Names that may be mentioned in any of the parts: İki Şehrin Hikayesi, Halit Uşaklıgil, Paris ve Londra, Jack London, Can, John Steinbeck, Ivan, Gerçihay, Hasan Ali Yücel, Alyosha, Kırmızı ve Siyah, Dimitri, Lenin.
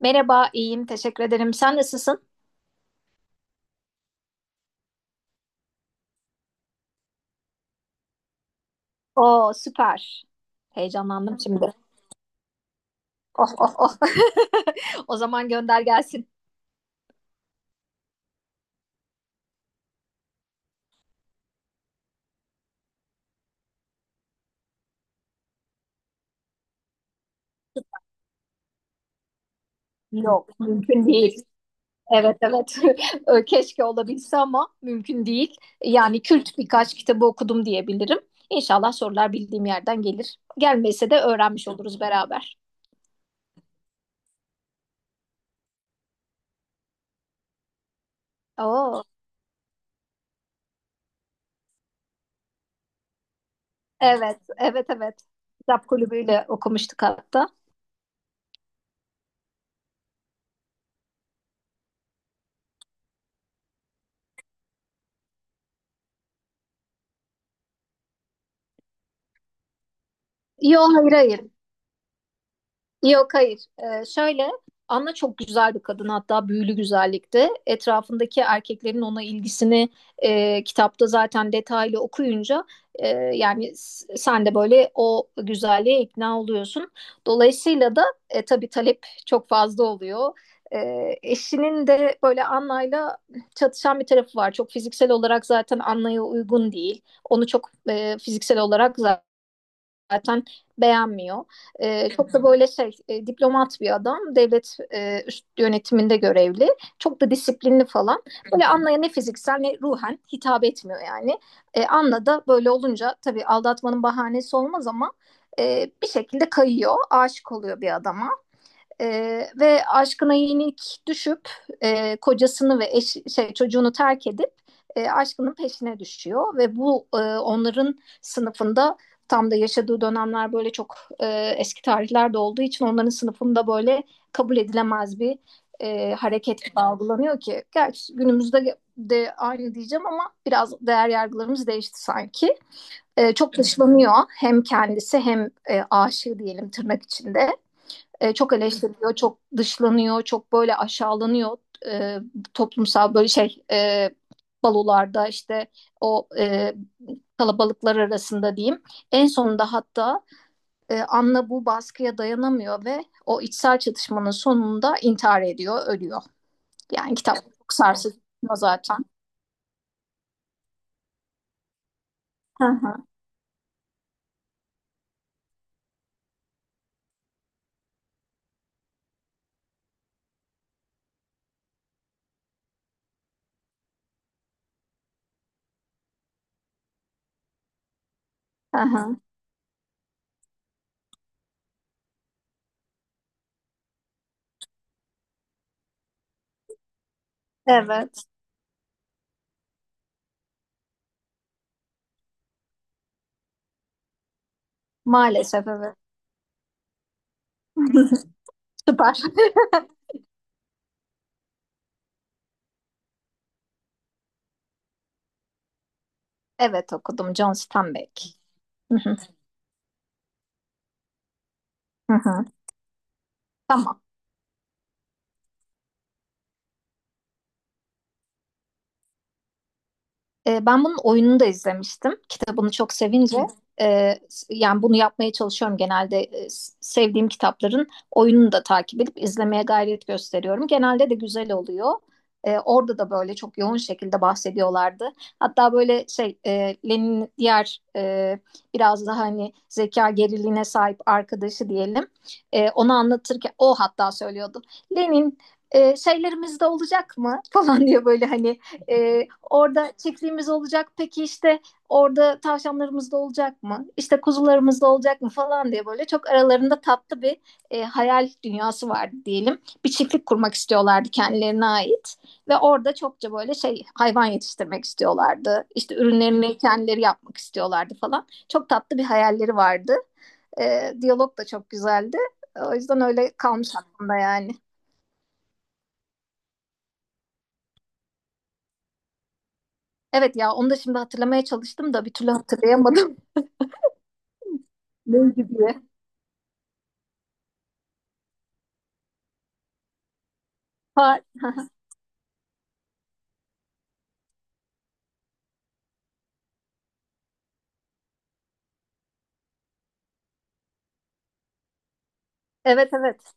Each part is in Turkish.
Merhaba, iyiyim. Teşekkür ederim. Sen nasılsın? Oo, süper. Heyecanlandım şimdi. Oh, oh, oh. O zaman gönder gelsin. Yok, mümkün değil. Evet, evet. Keşke olabilse ama mümkün değil. Yani kült birkaç kitabı okudum diyebilirim. İnşallah sorular bildiğim yerden gelir. Gelmese de öğrenmiş oluruz beraber. Oo, evet, evet, evet. Kitap kulübüyle okumuştuk hatta. Yok, hayır, hayır. Yok hayır. Şöyle, Anna çok güzel bir kadın, hatta büyülü güzellikte. Etrafındaki erkeklerin ona ilgisini kitapta zaten detaylı okuyunca, e, yani sen de böyle o güzelliğe ikna oluyorsun. Dolayısıyla da tabii talep çok fazla oluyor. E, Eşinin de böyle Anna'yla çatışan bir tarafı var. Çok fiziksel olarak zaten Anna'ya uygun değil. Onu çok fiziksel olarak zaten beğenmiyor. Çok da böyle şey, diplomat bir adam. Devlet üst yönetiminde görevli. Çok da disiplinli falan. Böyle Anna'ya ne fiziksel ne ruhen hitap etmiyor yani. Anna da böyle olunca tabii aldatmanın bahanesi olmaz ama bir şekilde kayıyor. Aşık oluyor bir adama. Ve aşkına yenik düşüp kocasını ve şey, çocuğunu terk edip aşkının peşine düşüyor ve bu, onların sınıfında tam da yaşadığı dönemler böyle çok eski tarihlerde olduğu için onların sınıfında böyle kabul edilemez bir hareket algılanıyor ki, gerçi günümüzde de aynı diyeceğim ama biraz değer yargılarımız değişti sanki. Çok dışlanıyor hem kendisi hem aşığı diyelim, tırnak içinde, çok eleştiriliyor, çok dışlanıyor, çok böyle aşağılanıyor, e, toplumsal böyle şey, balolarda işte o, kalabalıklar arasında diyeyim. En sonunda hatta Anna bu baskıya dayanamıyor ve o içsel çatışmanın sonunda intihar ediyor, ölüyor. Yani kitap çok sarsıcı zaten. Hı hı, hı hı. Evet, maalesef evet. Süper. Evet, okudum, John Steinbeck. Hı hı, hı hı. Tamam. Ben bunun oyununu da izlemiştim. Kitabını çok sevince, e, yani bunu yapmaya çalışıyorum genelde. Sevdiğim kitapların oyununu da takip edip izlemeye gayret gösteriyorum. Genelde de güzel oluyor. Orada da böyle çok yoğun şekilde bahsediyorlardı. Hatta böyle şey, Lenin'in diğer, biraz daha hani zeka geriliğine sahip arkadaşı diyelim. Onu anlatırken o hatta söylüyordu. Lenin, şeylerimizde olacak mı falan diye, böyle hani, e, orada çiftliğimiz olacak. Peki işte orada tavşanlarımız da olacak mı? İşte kuzularımız da olacak mı falan diye, böyle çok aralarında tatlı bir, hayal dünyası vardı diyelim. Bir çiftlik kurmak istiyorlardı kendilerine ait ve orada çokça böyle şey hayvan yetiştirmek istiyorlardı. İşte ürünlerini kendileri yapmak istiyorlardı falan. Çok tatlı bir hayalleri vardı. Diyalog da çok güzeldi. O yüzden öyle kalmış aklımda yani. Evet ya, onu da şimdi hatırlamaya çalıştım da bir türlü hatırlayamadım. Neydi diye. Ha, evet evet.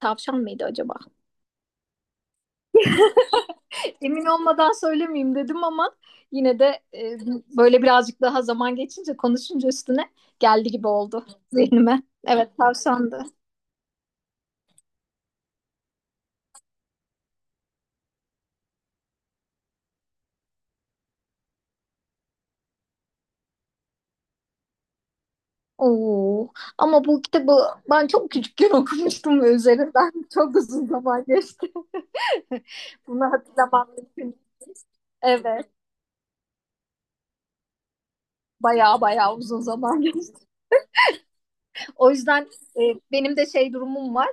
Tavşan mıydı acaba? Emin olmadan söylemeyeyim dedim ama yine de, e, böyle birazcık daha zaman geçince, konuşunca üstüne geldi gibi oldu zihnime. Evet, tavşandı. Oo. Ama bu kitabı ben çok küçükken okumuştum ve üzerinden çok uzun zaman geçti. Bunu hatırlamam mümkün. Değil. Evet. Bayağı bayağı uzun zaman geçti. O yüzden, e, benim de şey durumum var: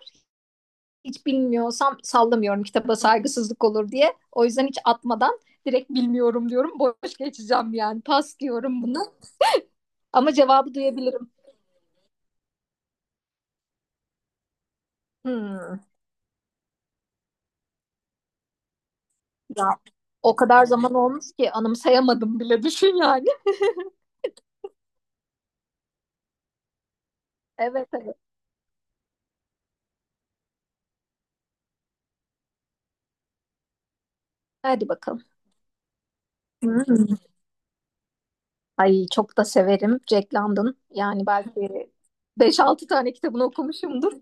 hiç bilmiyorsam sallamıyorum, kitaba saygısızlık olur diye. O yüzden hiç atmadan direkt bilmiyorum diyorum. Boş geçeceğim yani. Pas diyorum bunu. Ama cevabı duyabilirim. Hmm. Ya, o kadar zaman olmuş ki anımsayamadım bile, düşün yani. Evet evet. Hadi bakalım. Hmm. Ay, çok da severim Jack London. Yani belki beş altı tane kitabını okumuşumdur.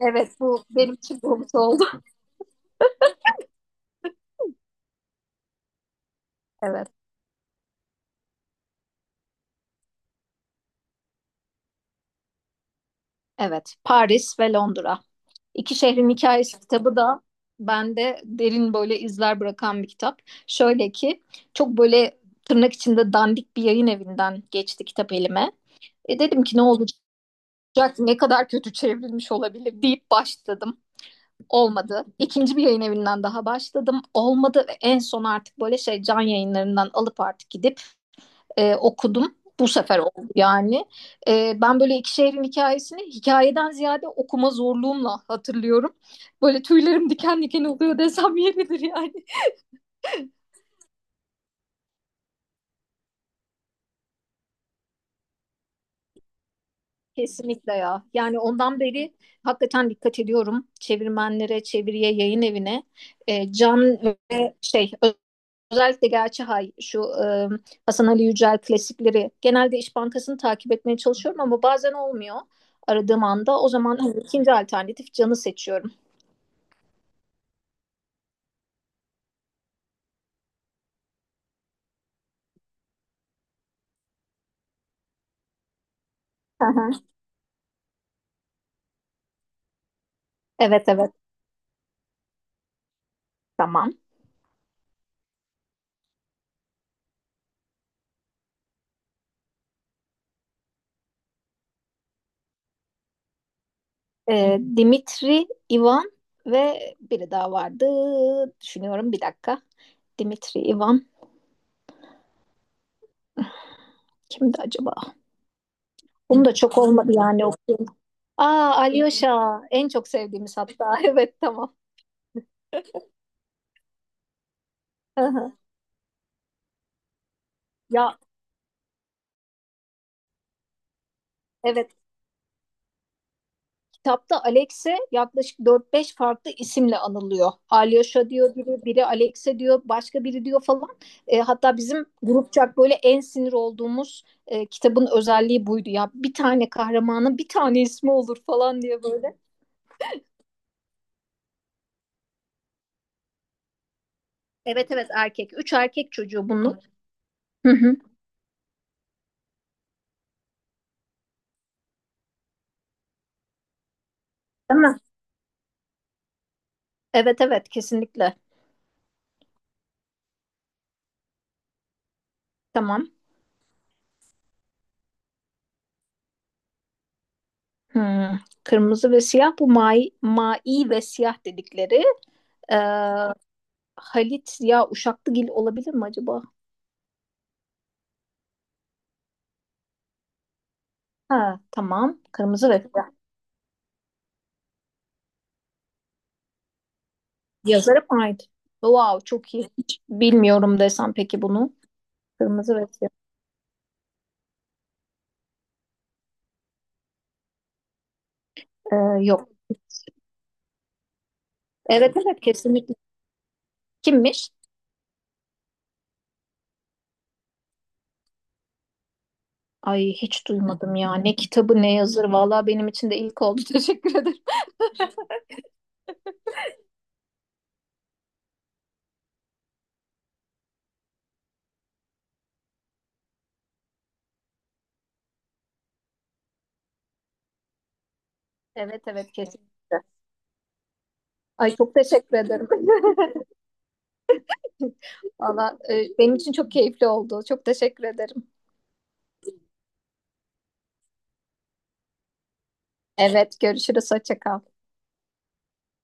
Evet, bu benim için bu oldu. Evet. Evet. Paris ve Londra. İki Şehrin Hikayesi kitabı da bende derin böyle izler bırakan bir kitap. Şöyle ki, çok böyle tırnak içinde dandik bir yayın evinden geçti kitap elime. E dedim ki ne olacak, ne kadar kötü çevrilmiş olabilir deyip başladım. Olmadı. İkinci bir yayın evinden daha başladım. Olmadı ve en son artık böyle şey Can Yayınlarından alıp artık gidip okudum. Bu sefer oldu yani. Ben böyle iki şehrin Hikayesi'ni hikayeden ziyade okuma zorluğumla hatırlıyorum. Böyle tüylerim diken diken oluyor desem yeridir yani. Kesinlikle ya. Yani ondan beri hakikaten dikkat ediyorum çevirmenlere, çeviriye, yayın evine. Can ve şey, özellikle Gerçihay şu, Hasan Ali Yücel klasikleri, genelde İş Bankası'nı takip etmeye çalışıyorum ama bazen olmuyor aradığım anda. O zaman hani ikinci alternatif Can'ı seçiyorum. Evet evet, tamam. Dimitri, Ivan ve biri daha vardı. Düşünüyorum bir dakika. Dimitri, Ivan, kimdi acaba? Bunu da çok olmadı yani okuyun. Aa, Alyosha, en çok sevdiğimiz hatta. Evet, tamam. Hı hı. Ya, evet. Kitapta Alex'e yaklaşık dört beş farklı isimle anılıyor. Alyosha diyor biri, biri Alex'e diyor, başka biri diyor falan. Hatta bizim grupçak böyle en sinir olduğumuz, kitabın özelliği buydu. Ya bir tane kahramanın bir tane ismi olur falan diye böyle. Evet evet, erkek. Üç erkek çocuğu bunun. Hı hı. Değil mi? Evet evet kesinlikle. Tamam. Hmm. Kırmızı ve Siyah, bu Mai ve Siyah dedikleri. Ee, Halit ya Uşaklıgil olabilir mi acaba? Ha, tamam. Kırmızı ve Siyah. Yazarı mı ait? Wow, çok iyi. Hiç bilmiyorum desem peki bunu. Kırmızı ve Siyah. Yok. Evet evet kesinlikle. Kimmiş? Ay, hiç duymadım ya. Ne kitabı ne yazarı. Vallahi benim için de ilk oldu. Teşekkür ederim. Evet evet, kesin. Ay çok teşekkür ederim. Valla, benim için çok keyifli oldu. Çok teşekkür ederim. Evet, görüşürüz. Hoşça kal.